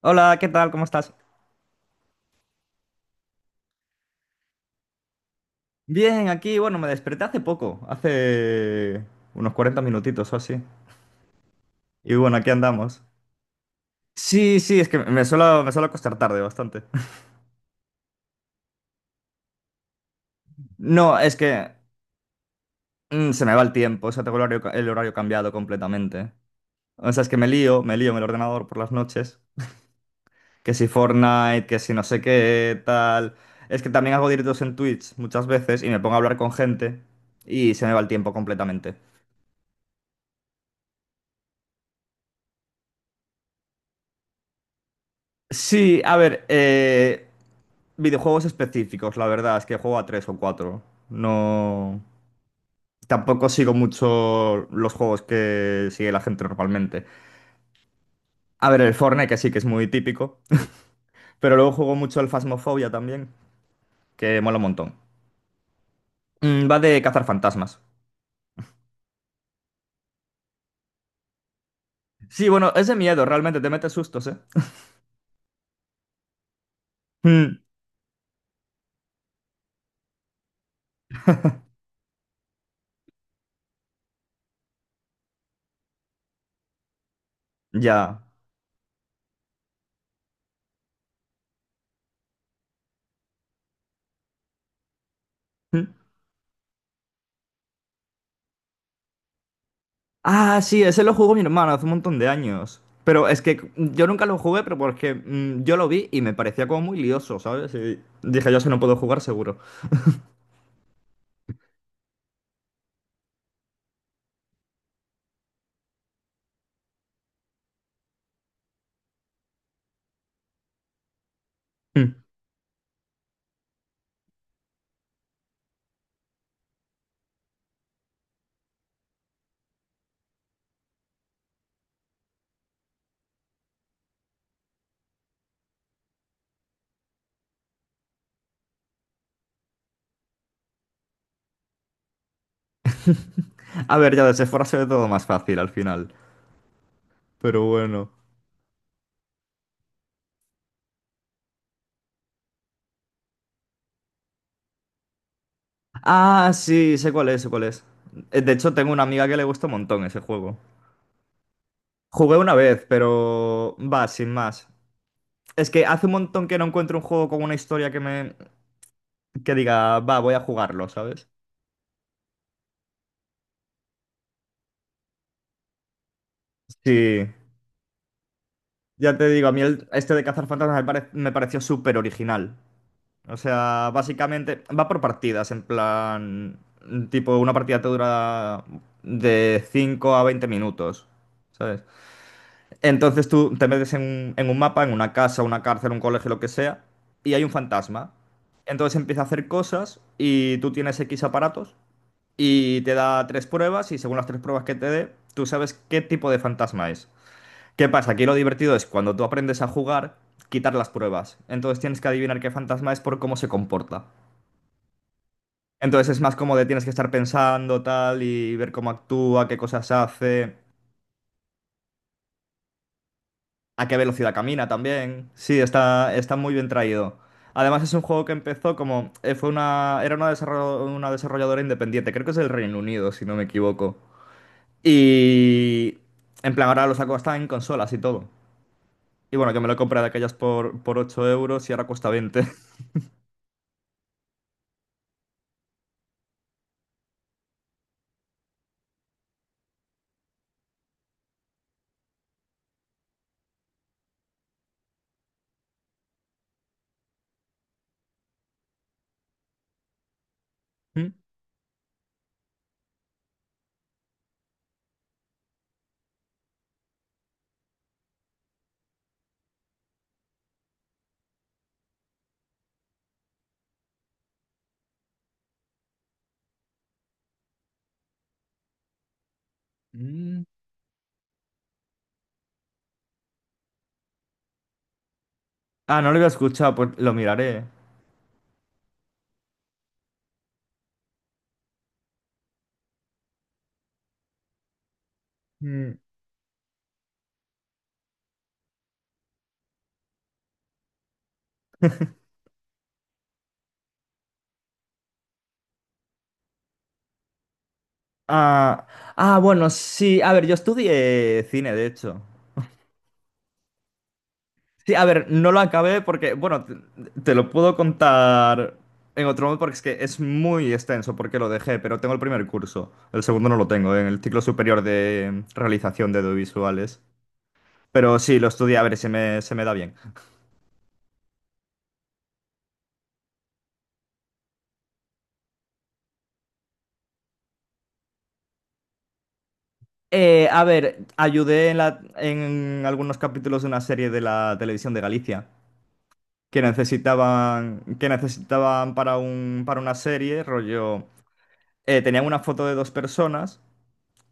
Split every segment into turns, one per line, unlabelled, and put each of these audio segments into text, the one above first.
Hola, ¿qué tal? ¿Cómo estás? Bien, aquí, bueno, me desperté hace poco, hace unos 40 minutitos o así. Y bueno, aquí andamos. Sí, sí, es que me suelo acostar tarde bastante. No, es que se me va el tiempo, o sea, tengo el horario, el horario cambiado completamente. O sea, es que me lío en el ordenador por las noches. Que si Fortnite, que si no sé qué, tal. Es que también hago directos en Twitch muchas veces y me pongo a hablar con gente y se me va el tiempo completamente. Sí, a ver, videojuegos específicos, la verdad, es que juego a tres o cuatro. No. Tampoco sigo mucho los juegos que sigue la gente normalmente. A ver, el Fortnite, que sí que es muy típico. Pero luego juego mucho el Phasmophobia también, que mola un montón. Va de cazar fantasmas. Sí, bueno, es de miedo, realmente, te metes sustos, ¿eh? Mm, ya. Mm. Ah, sí, ese lo jugó mi hermano hace un montón de años. Pero es que yo nunca lo jugué, pero porque yo lo vi y me parecía como muy lioso, ¿sabes? Y dije, yo si no puedo jugar, seguro. Mm. A ver, ya desde fuera se ve todo más fácil al final. Pero bueno. Ah, sí, sé cuál es, sé cuál es. De hecho, tengo una amiga que le gusta un montón ese juego. Jugué una vez, pero va, sin más. Es que hace un montón que no encuentro un juego con una historia que me... Que diga, va, voy a jugarlo, ¿sabes? Sí. Ya te digo, a mí este de cazar fantasmas me pareció súper original. O sea, básicamente va por partidas, en plan, tipo, una partida te dura de 5 a 20 minutos, ¿sabes? Entonces tú te metes en, en un mapa, en una casa, una cárcel, un colegio, lo que sea, y hay un fantasma. Entonces empieza a hacer cosas y tú tienes X aparatos y te da tres pruebas y según las tres pruebas que te dé, tú sabes qué tipo de fantasma es. ¿Qué pasa? Aquí lo divertido es cuando tú aprendes a jugar, quitar las pruebas. Entonces tienes que adivinar qué fantasma es por cómo se comporta. Entonces es más como de tienes que estar pensando tal y ver cómo actúa, qué cosas hace, a qué velocidad camina también. Sí, está, está muy bien traído. Además es un juego que empezó como... Fue una, era una, desarro- una desarrolladora independiente, creo que es del Reino Unido, si no me equivoco. Y... En plan, ahora lo saco hasta en consolas y todo. Y bueno, que me lo compré de aquellas por 8 euros y ahora cuesta 20. Mm. Ah, no lo había escuchado, pues lo miraré. Mm, Ah, ah, bueno, sí. A ver, yo estudié cine, de hecho. Sí, a ver, no lo acabé porque, bueno, te lo puedo contar en otro modo porque es que es muy extenso porque lo dejé, pero tengo el primer curso. El segundo no lo tengo, en el ciclo superior de realización de audiovisuales. Pero sí, lo estudié, a ver, se me da bien. A ver, ayudé en, en algunos capítulos de una serie de la televisión de Galicia, que necesitaban para para una serie, rollo, tenían una foto de dos personas,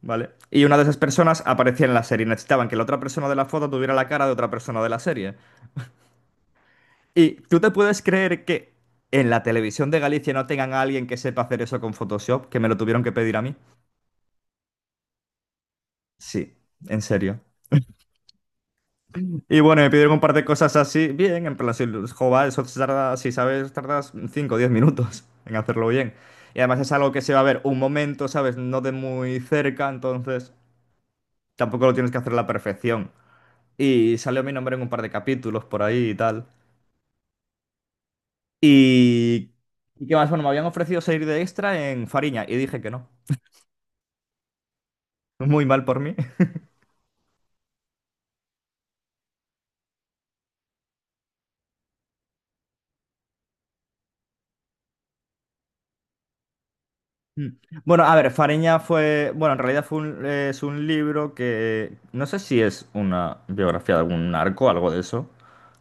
¿vale? Y una de esas personas aparecía en la serie. Necesitaban que la otra persona de la foto tuviera la cara de otra persona de la serie. Y tú te puedes creer que en la televisión de Galicia no tengan a alguien que sepa hacer eso con Photoshop, que me lo tuvieron que pedir a mí. Sí, en serio. Y bueno, me pidieron compartir cosas así, bien, en plan, si el jova, eso se tarda, si sabes, tardas 5, o 10 minutos en hacerlo bien. Y además es algo que se va a ver un momento, ¿sabes? No de muy cerca, entonces tampoco lo tienes que hacer a la perfección. Y salió mi nombre en un par de capítulos por ahí y tal. Y... ¿Y qué más? Bueno, me habían ofrecido salir de extra en Fariña y dije que no. Muy mal por mí. Bueno, a ver, Fariña fue, bueno, en realidad es un libro que no sé si es una biografía de algún narco, algo de eso.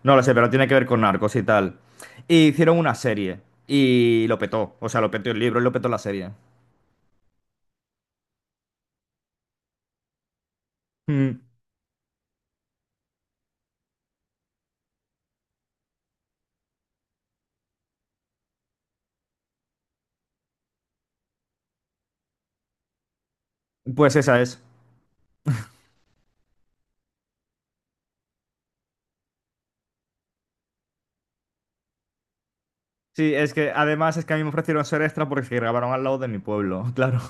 No lo sé, pero tiene que ver con narcos y tal. Y hicieron una serie y lo petó, o sea, lo petó el libro y lo petó la serie. Mm, pues esa es. Sí, es que además es que a mí me ofrecieron ser extra porque se grabaron al lado de mi pueblo, claro,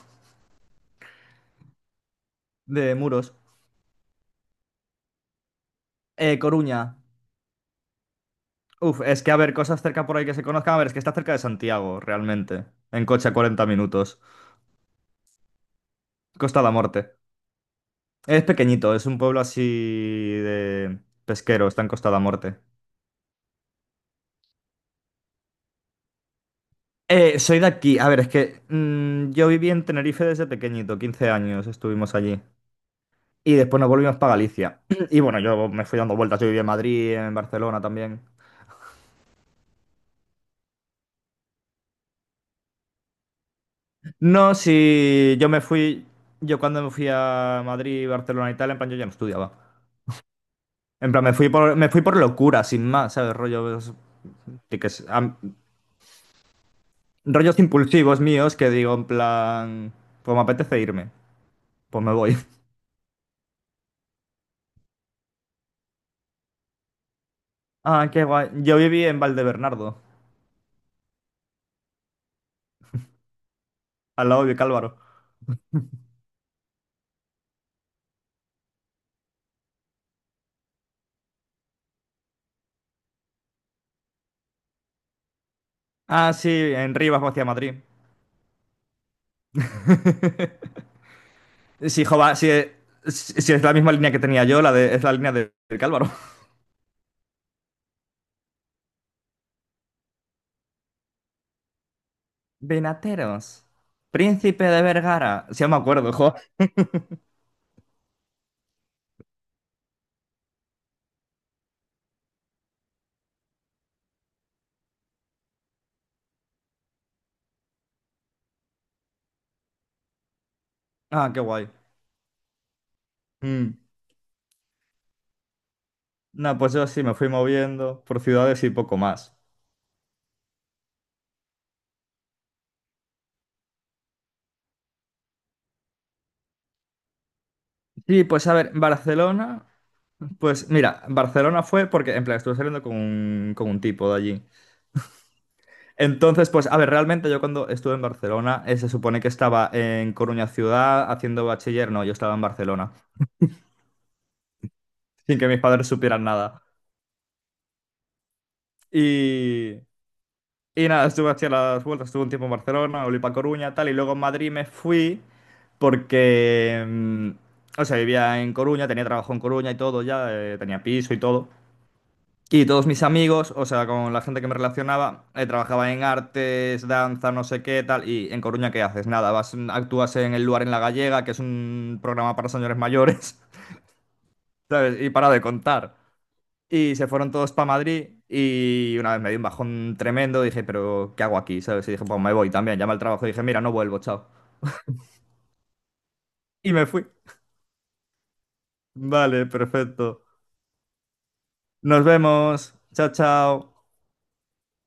de Muros. Coruña. Uf, es que a ver, cosas cerca por ahí que se conozcan, a ver, es que está cerca de Santiago, realmente. En coche a 40 minutos. Costa da Morte. Es pequeñito, es un pueblo así de pesquero, está en Costa de la Morte. Soy de aquí. A ver, es que yo viví en Tenerife desde pequeñito, 15 años estuvimos allí. Y después nos volvimos para Galicia. Y bueno, yo me fui dando vueltas, yo viví en Madrid, en Barcelona también. No, si yo me fui, yo cuando me fui a Madrid, Barcelona y tal, en plan yo ya no estudiaba. En plan, me fui por locura, sin más, ¿sabes? Tiques- am- Rollos impulsivos míos que digo, en plan, pues me apetece irme. Pues me voy. Ah, qué guay. Yo viví en Valdebernardo, al lado de Vicálvaro. Ah, sí, en Rivas, hacia Madrid. Sí, jova, sí, sí, sí, es la misma línea que tenía yo, es la línea de Vicálvaro. Benateros. Príncipe de Vergara. Sí, me acuerdo, jo. Ah, qué guay. Mm. No, pues yo sí me fui moviendo por ciudades y poco más. Sí, pues a ver, Barcelona. Pues mira, Barcelona fue porque, en plan, estuve saliendo con un tipo de allí. Entonces, pues, a ver, realmente yo cuando estuve en Barcelona, se supone que estaba en Coruña ciudad haciendo bachiller, no, yo estaba en Barcelona, sin que mis padres supieran nada. Y, y nada, estuve haciendo las vueltas, estuve un tiempo en Barcelona, volví para Coruña, tal, y luego en Madrid me fui porque, o sea, vivía en Coruña, tenía trabajo en Coruña y todo ya, tenía piso y todo. Y todos mis amigos, o sea, con la gente que me relacionaba, trabajaba en artes, danza, no sé qué, tal. Y en Coruña, ¿qué haces? Nada, vas, actúas en el lugar en La Gallega, que es un programa para señores mayores, ¿sabes? Y para de contar. Y se fueron todos para Madrid y una vez me di un bajón tremendo, dije, pero ¿qué hago aquí? ¿Sabes? Y dije, pues me voy también, llamé al trabajo y dije, mira, no vuelvo, chao. Y me fui. Vale, perfecto. Nos vemos. Chao, chao.